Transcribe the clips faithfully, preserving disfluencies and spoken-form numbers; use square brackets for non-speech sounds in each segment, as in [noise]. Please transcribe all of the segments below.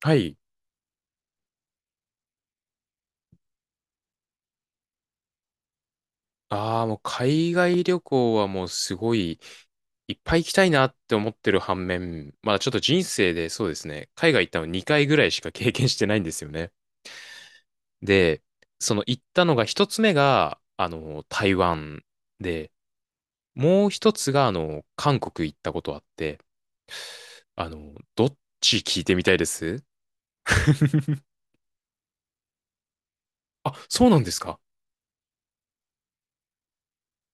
はい。ああ、もう海外旅行はもうすごいいっぱい行きたいなって思ってる反面、まあちょっと人生でそうですね、海外行ったのにかいぐらいしか経験してないんですよね。で、その行ったのが一つ目が、あの、台湾で、もう一つが、あの、韓国行ったことあって、あの、どっち聞いてみたいです。 [laughs] あ、そうなんですか。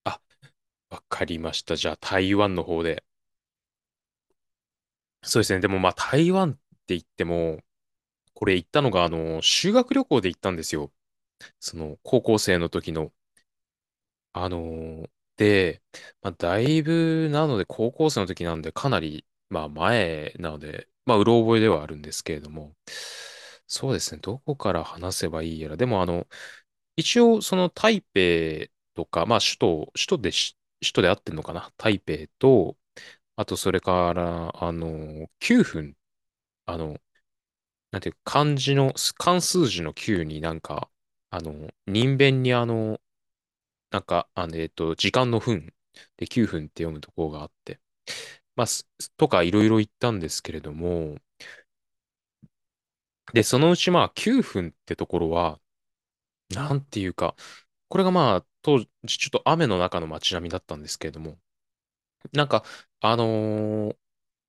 あ、わかりました。じゃあ台湾の方で。そうですね。でもまあ台湾って言っても、これ行ったのが、あの、修学旅行で行ったんですよ。その、高校生の時の。あのーで、まあ、だいぶ、なので、高校生の時なんで、かなり、まあ、前なので、まあ、うろ覚えではあるんですけれども、そうですね、どこから話せばいいやら、でも、あの、一応、その、台北とか、まあ、首都、首都でし、首都で合ってんのかな台北と、あと、それから、あの、九分、あの、なんていうか、漢字の、漢数字のきゅうになんか、あの、人弁にあの、なんか、あの、えっと、時間の分できゅうふんって読むとこがあって、まあ、すとかいろいろ言ったんですけれども、で、そのうちまあきゅうふんってところは、なんていうか、これがまあ、当時ちょっと雨の中の街並みだったんですけれども、なんか、あのー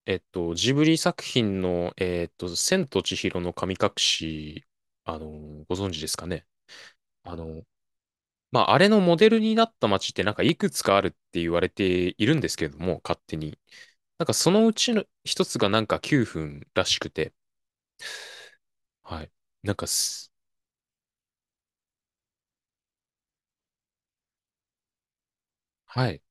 えっと、ジブリ作品の、えっと、千と千尋の神隠し、あのーご存知ですかね。あのーまあ、あれのモデルになった街ってなんかいくつかあるって言われているんですけれども、勝手に。なんかそのうちの一つがなんかきゅうふんらしくて、はい。なんかす、はい。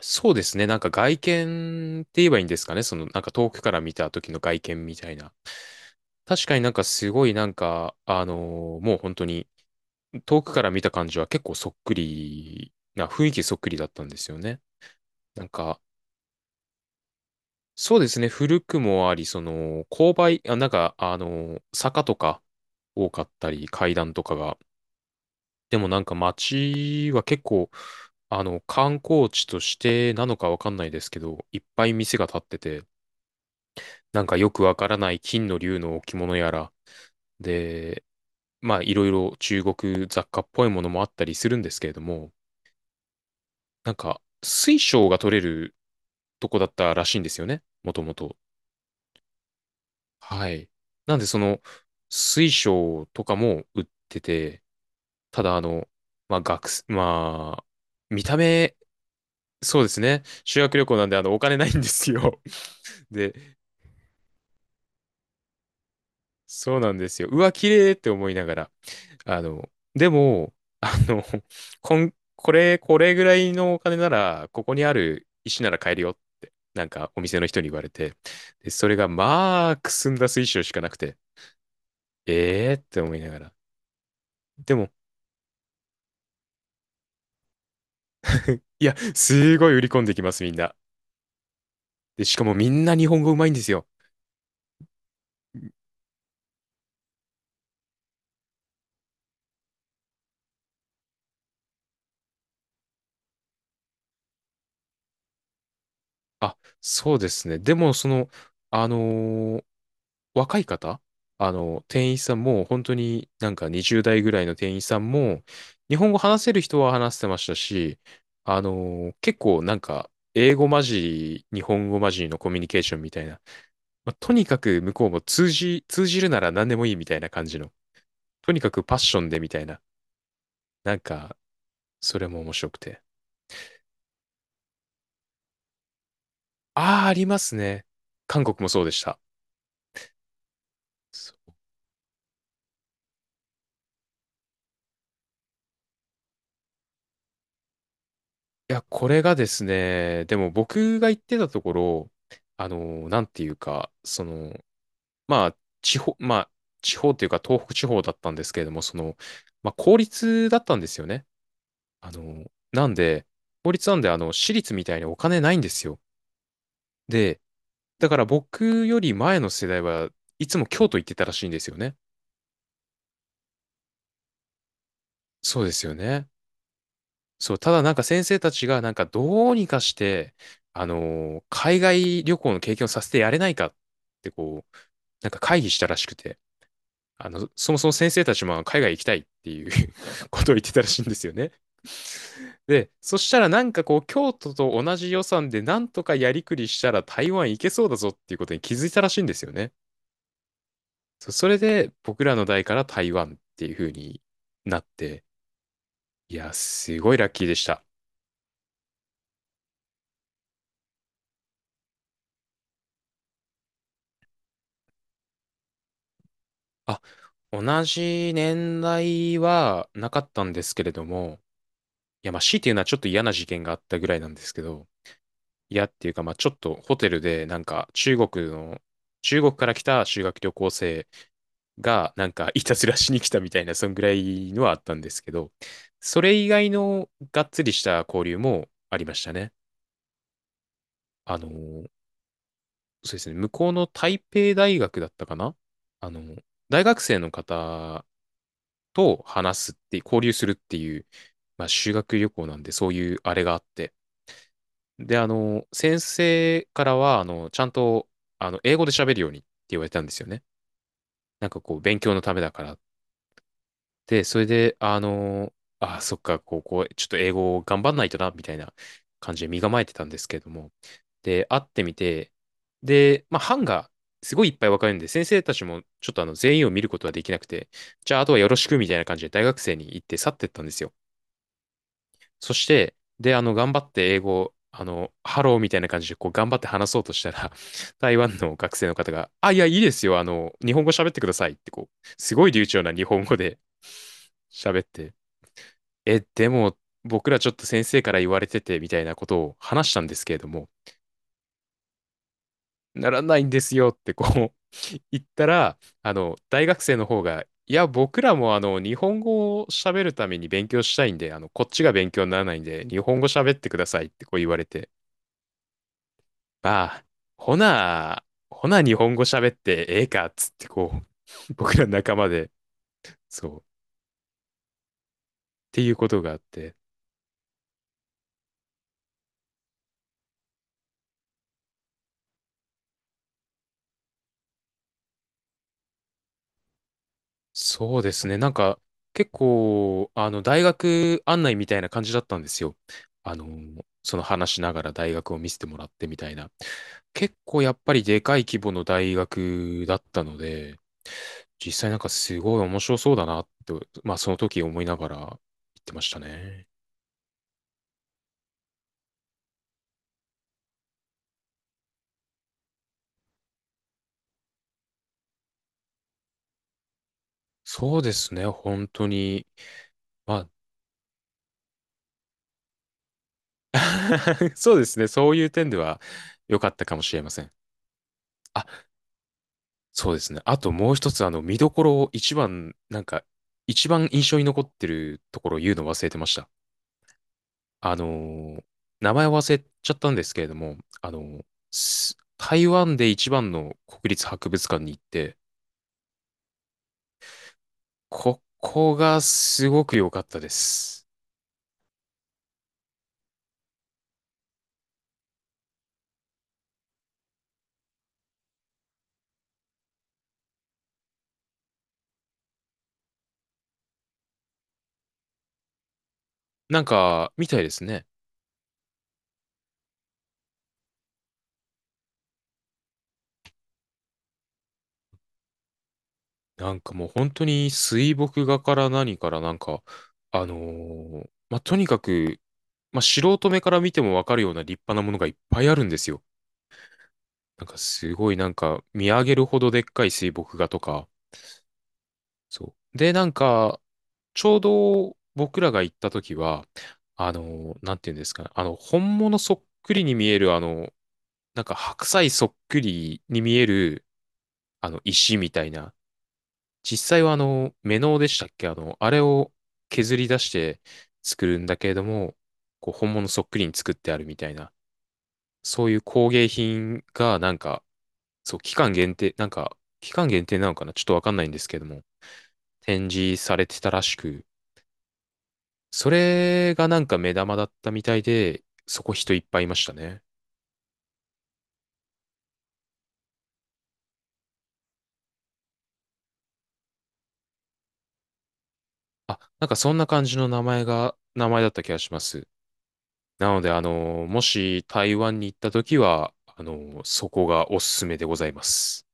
そうですね。なんか外見って言えばいいんですかね。そのなんか遠くから見た時の外見みたいな。確かになんかすごいなんか、あのーもう本当に遠くから見た感じは結構そっくりな、雰囲気そっくりだったんですよね。なんか、そうですね。古くもあり、その、勾配、あ、なんか、あの、坂とか多かったり、階段とかが。でもなんか街は結構、あの、観光地としてなのかわかんないですけど、いっぱい店が立ってて、なんかよくわからない金の竜の置物やら、で、まあ、いろいろ中国雑貨っぽいものもあったりするんですけれども、なんか、水晶が取れるとこだったらしいんですよね。もともと。はい。なんで、その、水晶とかも売ってて、ただ、あの、まあ、学生、まあ、見た目、そうですね。修学旅行なんで、あの、お金ないんですよ。[laughs] で、そうなんですよ。うわ、綺麗って思いながら。あの、でも、あの、こん、これ、これぐらいのお金なら、ここにある石なら買えるよって、なんか、お店の人に言われて、で、それが、まあ、くすんだ水晶しかなくて、ええーって思いながら。でもいや、すごい売り込んできます、みんな。で、しかもみんな日本語うまいんですよ。あ、そうですね。でも、その、あのー若い方、あの、店員さんも、本当になんかにじゅう代ぐらいの店員さんも、日本語話せる人は話してましたし、あのー結構なんか、英語混じり、日本語混じりのコミュニケーションみたいな、まあとにかく向こうも通じ、通じるなら何でもいいみたいな感じの、とにかくパッションでみたいな、なんか、それも面白くて。ああ、ありますね。韓国もそうでした。いや、これがですね、でも僕が言ってたところ、あの、なんていうか、その、まあ、地方、まあ、地方というか東北地方だったんですけれども、その、まあ、公立だったんですよね。あの、なんで、公立なんで、あの、私立みたいにお金ないんですよ。で、だから僕より前の世代はいつも京都行ってたらしいんですよね。そうですよね。そう、ただなんか先生たちがなんかどうにかして、あのー海外旅行の経験をさせてやれないかってこう、なんか会議したらしくて、あの、そもそも先生たちも海外行きたいっていう [laughs] ことを言ってたらしいんですよね。で、そしたらなんかこう、京都と同じ予算でなんとかやりくりしたら台湾行けそうだぞっていうことに気づいたらしいんですよね。そうそれで僕らの代から台湾っていう風になって、いや、すごいラッキーでした。あ、同じ年代はなかったんですけれども、いや、まあ、強いて言うのはちょっと嫌な事件があったぐらいなんですけど、嫌っていうか、まあ、ちょっとホテルで、なんか、中国の、中国から来た修学旅行生が、なんか、いたずらしに来たみたいな、そんぐらいのはあったんですけど、それ以外のがっつりした交流もありましたね。あのーそうですね、向こうの台北大学だったかな、あの、大学生の方と話すっていう、交流するっていう、まあ、修学旅行なんで、そういうあれがあって。で、あの、先生からは、あの、ちゃんと、あの、英語で喋るようにって言われたんですよね。なんかこう、勉強のためだからっ。で、それで、あの、あ、そっか、ここ、ちょっと英語を頑張んないとな、みたいな感じで身構えてたんですけれども。で、会ってみて、で、まあ、班がすごいいっぱい分かれるんで、先生たちもちょっとあの、全員を見ることはできなくて、じゃあ、あとはよろしく、みたいな感じで大学生に行って去ってったんですよ。そして、で、あの、頑張って英語を、あの、ハローみたいな感じで、こう、頑張って話そうとしたら、[laughs] 台湾の学生の方が、あ、いや、いいですよ、あの、日本語喋ってくださいって、こう、すごい流暢な日本語で喋って、え、でも、僕らちょっと先生から言われててみたいなことを話したんですけれども、ならないんですよってこう [laughs] 言ったら、あの、大学生の方が、いや、僕らもあの、日本語を喋るために勉強したいんで、あの、こっちが勉強にならないんで、日本語喋ってくださいってこう言われて、まあ、ほな、ほな日本語喋ってええかっつってこう、僕ら仲間で、そう、っていうことがあって、そうですね。なんか、結構、あの、大学案内みたいな感じだったんですよ。あの、その話しながら大学を見せてもらってみたいな。結構やっぱりでかい規模の大学だったので、実際なんかすごい面白そうだなと、まあその時思いながら言ってましたね。そうですね、本当に。まあ、[laughs] そうですね、そういう点では良かったかもしれません。あ、そうですね。あともう一つ、あの、見どころを一番、なんか、一番印象に残ってるところを言うの忘れてました。あのー名前を忘れちゃったんですけれども、あのーす台湾で一番の国立博物館に行って、ここがすごく良かったです。なんか、みたいですね。なんかもう本当に水墨画から何からなんか、あのーまあ、とにかく、まあ、素人目から見てもわかるような立派なものがいっぱいあるんですよ。なんかすごいなんか見上げるほどでっかい水墨画とか、そう。で、なんか、ちょうど僕らが行った時は、あの、なんていうんですかね、あの、本物そっくりに見える、あの、なんか白菜そっくりに見える、あの、石みたいな、実際はあの、メノウでしたっけあの、あれを削り出して作るんだけれども、こう、本物そっくりに作ってあるみたいな、そういう工芸品がなんか、そう、期間限定、なんか、期間限定なのかなちょっとわかんないんですけども、展示されてたらしく、それがなんか目玉だったみたいで、そこ人いっぱいいましたね。あ、なんかそんな感じの名前が、名前だった気がします。なので、あの、もし台湾に行った時は、あの、そこがおすすめでございます。